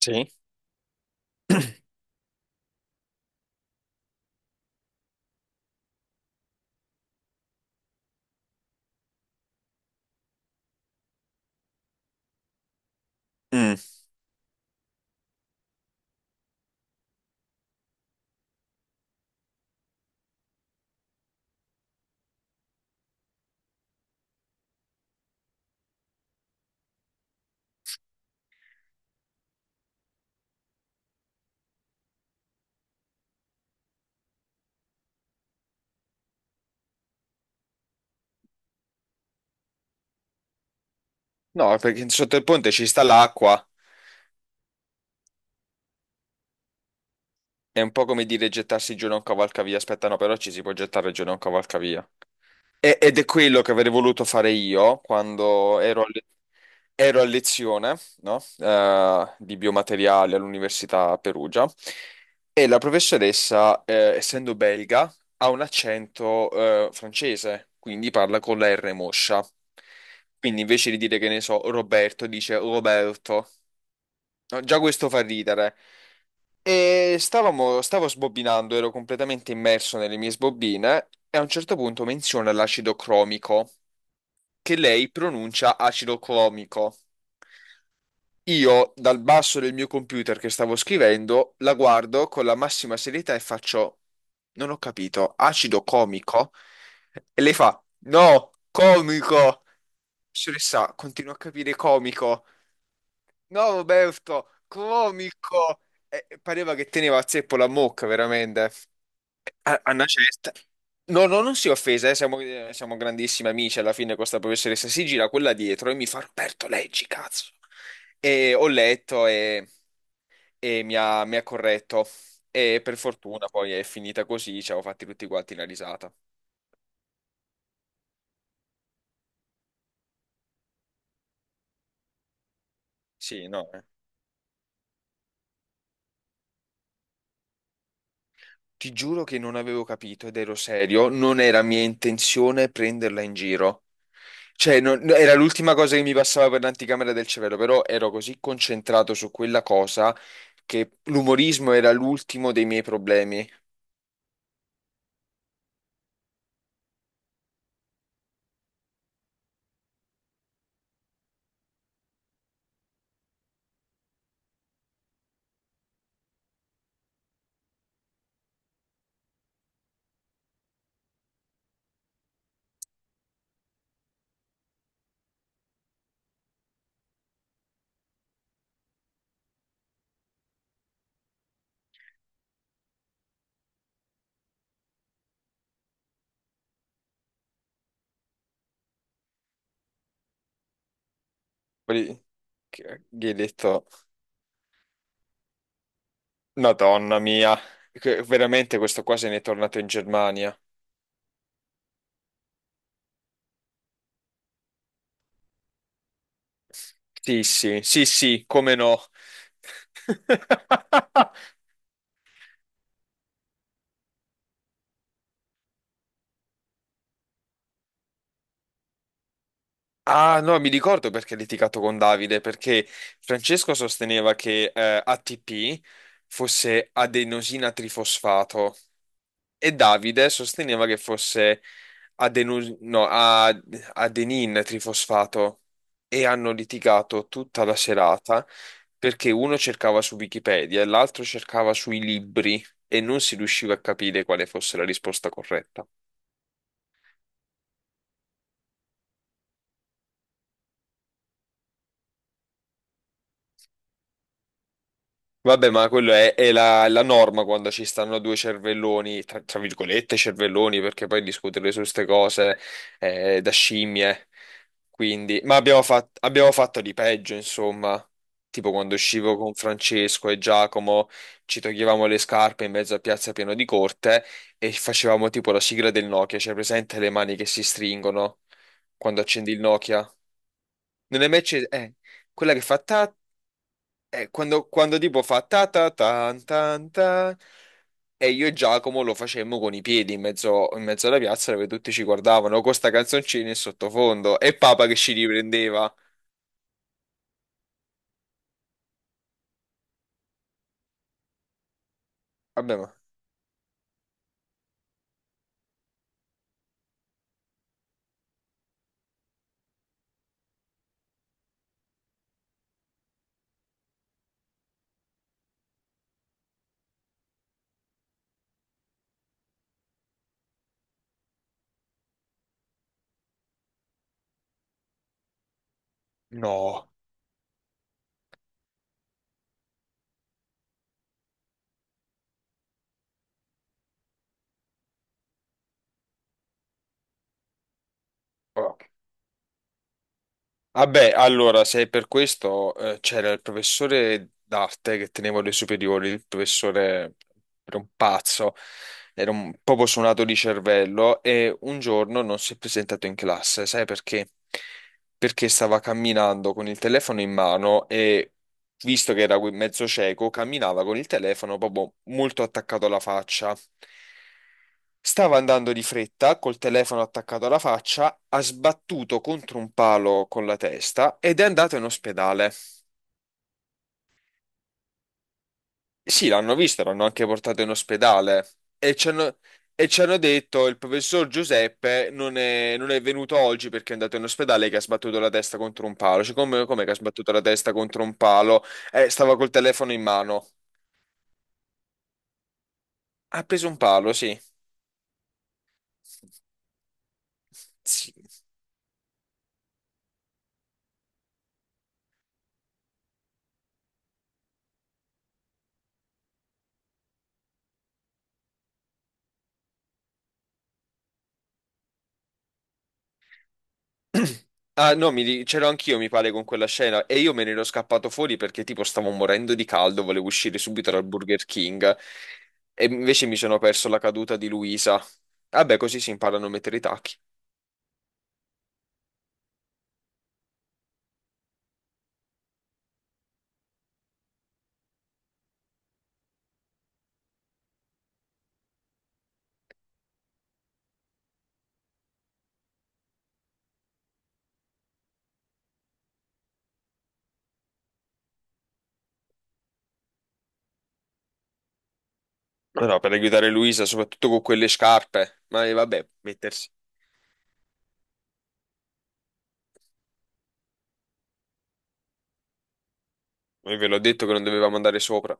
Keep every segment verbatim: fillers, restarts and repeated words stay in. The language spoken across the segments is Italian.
Sì. Mm. No, perché sotto il ponte ci sta l'acqua. È un po' come dire gettarsi giù da un cavalcavia. Aspetta, no, però ci si può gettare giù da un cavalcavia. E- ed è quello che avrei voluto fare io quando ero a, le- ero a lezione, no? Eh, di biomateriali all'Università a Perugia. E la professoressa, eh, essendo belga, ha un accento, eh, francese, quindi parla con la R moscia. Quindi invece di dire che ne so, Roberto, dice Roberto. No, già questo fa ridere. E stavamo, stavo sbobbinando, ero completamente immerso nelle mie sbobbine e a un certo punto menziona l'acido cromico, che lei pronuncia acido clomico. Io, dal basso del mio computer che stavo scrivendo, la guardo con la massima serietà e faccio, non ho capito, acido comico? E lei fa, no, comico! Professoressa, continuo a capire comico. No, Roberto, comico! Eh, pareva che teneva a zeppo la mucca, veramente. A, a una certa. No, no, non si è offesa, eh, siamo, eh, siamo grandissimi amici. Alla fine, questa professoressa si gira quella dietro e mi fa: Roberto, leggi, cazzo. E ho letto e, e mi ha, mi ha corretto. E per fortuna poi è finita così. Ci avevo fatti tutti quanti la risata. Sì, no. Eh. Ti giuro che non avevo capito ed ero serio. Non era mia intenzione prenderla in giro. Cioè, non- no, era l'ultima cosa che mi passava per l'anticamera del cervello, però ero così concentrato su quella cosa che l'umorismo era l'ultimo dei miei problemi. Poi che- gli ho detto, Madonna mia, che- veramente questo qua se n'è tornato in Germania. Sì, sì, sì, sì, come no. Ah, no, mi ricordo perché ha litigato con Davide, perché Francesco sosteneva che eh, A T P fosse adenosina trifosfato. E Davide sosteneva che fosse adenu- no, a- adenin trifosfato e hanno litigato tutta la serata perché uno cercava su Wikipedia e l'altro cercava sui libri e non si riusciva a capire quale fosse la risposta corretta. Vabbè, ma quello è, è la, la norma quando ci stanno due cervelloni, tra, tra virgolette cervelloni, perché poi discutere su queste cose è da scimmie. Quindi, ma abbiamo fat- abbiamo fatto di peggio, insomma. Tipo quando uscivo con Francesco e Giacomo, ci toglievamo le scarpe in mezzo a Piazza Pieno di Corte e facevamo tipo la sigla del Nokia, cioè presente le mani che si stringono quando accendi il Nokia? Non è mai acceso? Eh, quella che fa ta eh, quando, quando tipo fa ta ta tan tan ta, e io e Giacomo lo facemmo con i piedi in mezzo, in mezzo alla piazza dove tutti ci guardavano con sta canzoncina in sottofondo e Papa che ci riprendeva. Vabbè, ma no. Vabbè, allora, se è per questo, eh, c'era il professore d'arte che tenevo le superiori, il professore era un pazzo, era un proprio suonato di cervello e un giorno non si è presentato in classe, sai perché? Perché stava camminando con il telefono in mano e, visto che era mezzo cieco, camminava con il telefono proprio molto attaccato alla faccia. Stava andando di fretta, col telefono attaccato alla faccia, ha sbattuto contro un palo con la testa ed è andato in ospedale. Sì, l'hanno visto, l'hanno anche portato in ospedale e ci hanno, e ci hanno detto il professor Giuseppe non è, non è venuto oggi perché è andato in ospedale che ha sbattuto la testa contro un palo. Cioè, come, come che ha sbattuto la testa contro un palo? Eh, stava col telefono in mano. Ha preso un palo, sì. Sì. Ah, no, mi ri- c'ero anch'io, mi pare, con quella scena e io me ne ero scappato fuori perché tipo stavo morendo di caldo, volevo uscire subito dal Burger King e invece mi sono perso la caduta di Luisa. Vabbè, così si imparano a mettere i tacchi. Ma no, per aiutare Luisa, soprattutto con quelle scarpe. Ma eh, vabbè, mettersi. Io ve l'ho detto che non dovevamo andare sopra,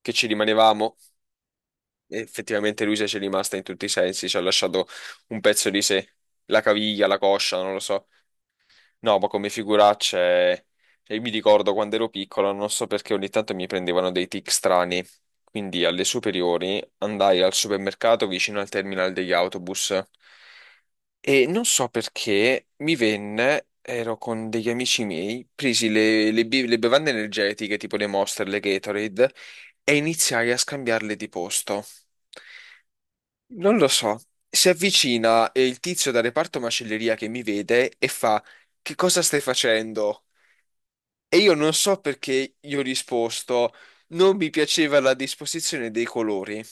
che ci rimanevamo. E effettivamente Luisa ci è rimasta in tutti i sensi, ci ha lasciato un pezzo di sé, la caviglia, la coscia, non lo so. No, ma come figuracce, cioè, io mi ricordo quando ero piccolo, non so perché ogni tanto mi prendevano dei tic strani. Quindi alle superiori andai al supermercato vicino al terminal degli autobus e non so perché mi venne, ero con degli amici miei, presi le, le bi- le bevande energetiche tipo le Monster, le Gatorade e iniziai a scambiarle di posto. Non lo so. Si avvicina eh, il tizio dal reparto macelleria che mi vede e fa: Che cosa stai facendo? E io non so perché io ho risposto: Non mi piaceva la disposizione dei colori.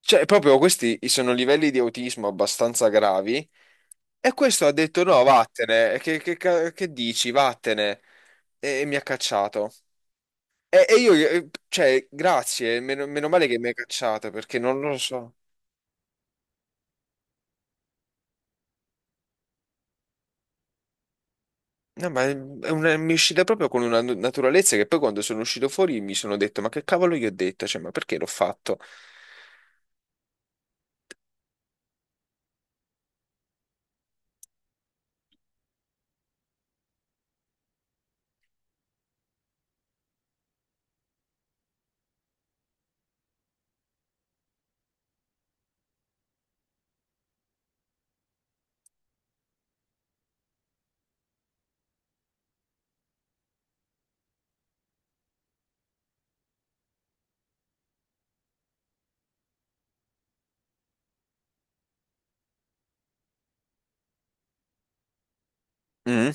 Cioè, proprio questi sono livelli di autismo abbastanza gravi. E questo ha detto: No, vattene, che, che ca- che dici? Vattene. E, e mi ha cacciato. E, e io, eh, cioè, grazie, meno, meno male che mi hai cacciato perché non lo so. No, ma è è una- mi è uscita proprio con una nu- naturalezza che poi quando sono uscito fuori mi sono detto, ma che cavolo gli ho detto? Cioè, ma perché l'ho fatto? Mm.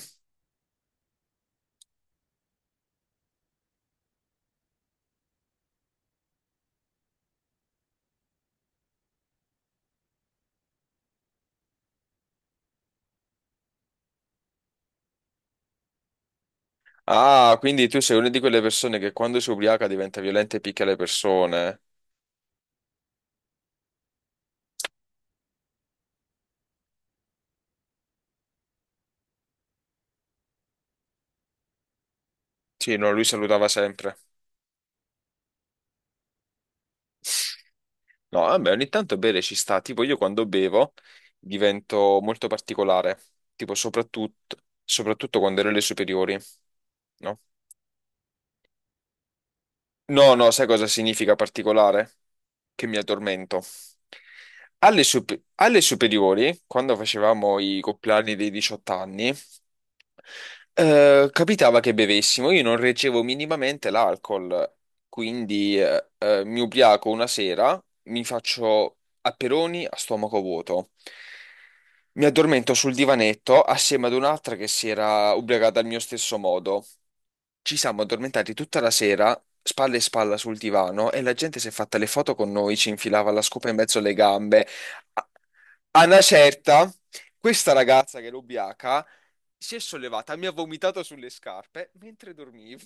Ah, quindi tu sei una di quelle persone che quando si ubriaca diventa violenta e picchia le persone. Sì, no, lui salutava sempre. No, vabbè, ogni tanto bere ci sta. Tipo, io quando bevo divento molto particolare. Tipo, soprattutto, soprattutto quando ero alle superiori. No? No, no, sai cosa significa particolare? Che mi addormento. Alle, supe- alle superiori, quando facevamo i compleanni dei diciotto anni, eh, capitava che bevessimo. Io non reggevo minimamente l'alcol, quindi eh, eh, mi ubriaco una sera, mi faccio aperoni a stomaco vuoto. Mi addormento sul divanetto assieme ad un'altra che si era ubriacata al mio stesso modo. Ci siamo addormentati tutta la sera, spalle e spalla sul divano, e la gente si è fatta le foto con noi, ci infilava la scopa in mezzo alle gambe, a una certa, questa ragazza che era ubriaca si è sollevata, mi ha vomitato sulle scarpe mentre dormivo.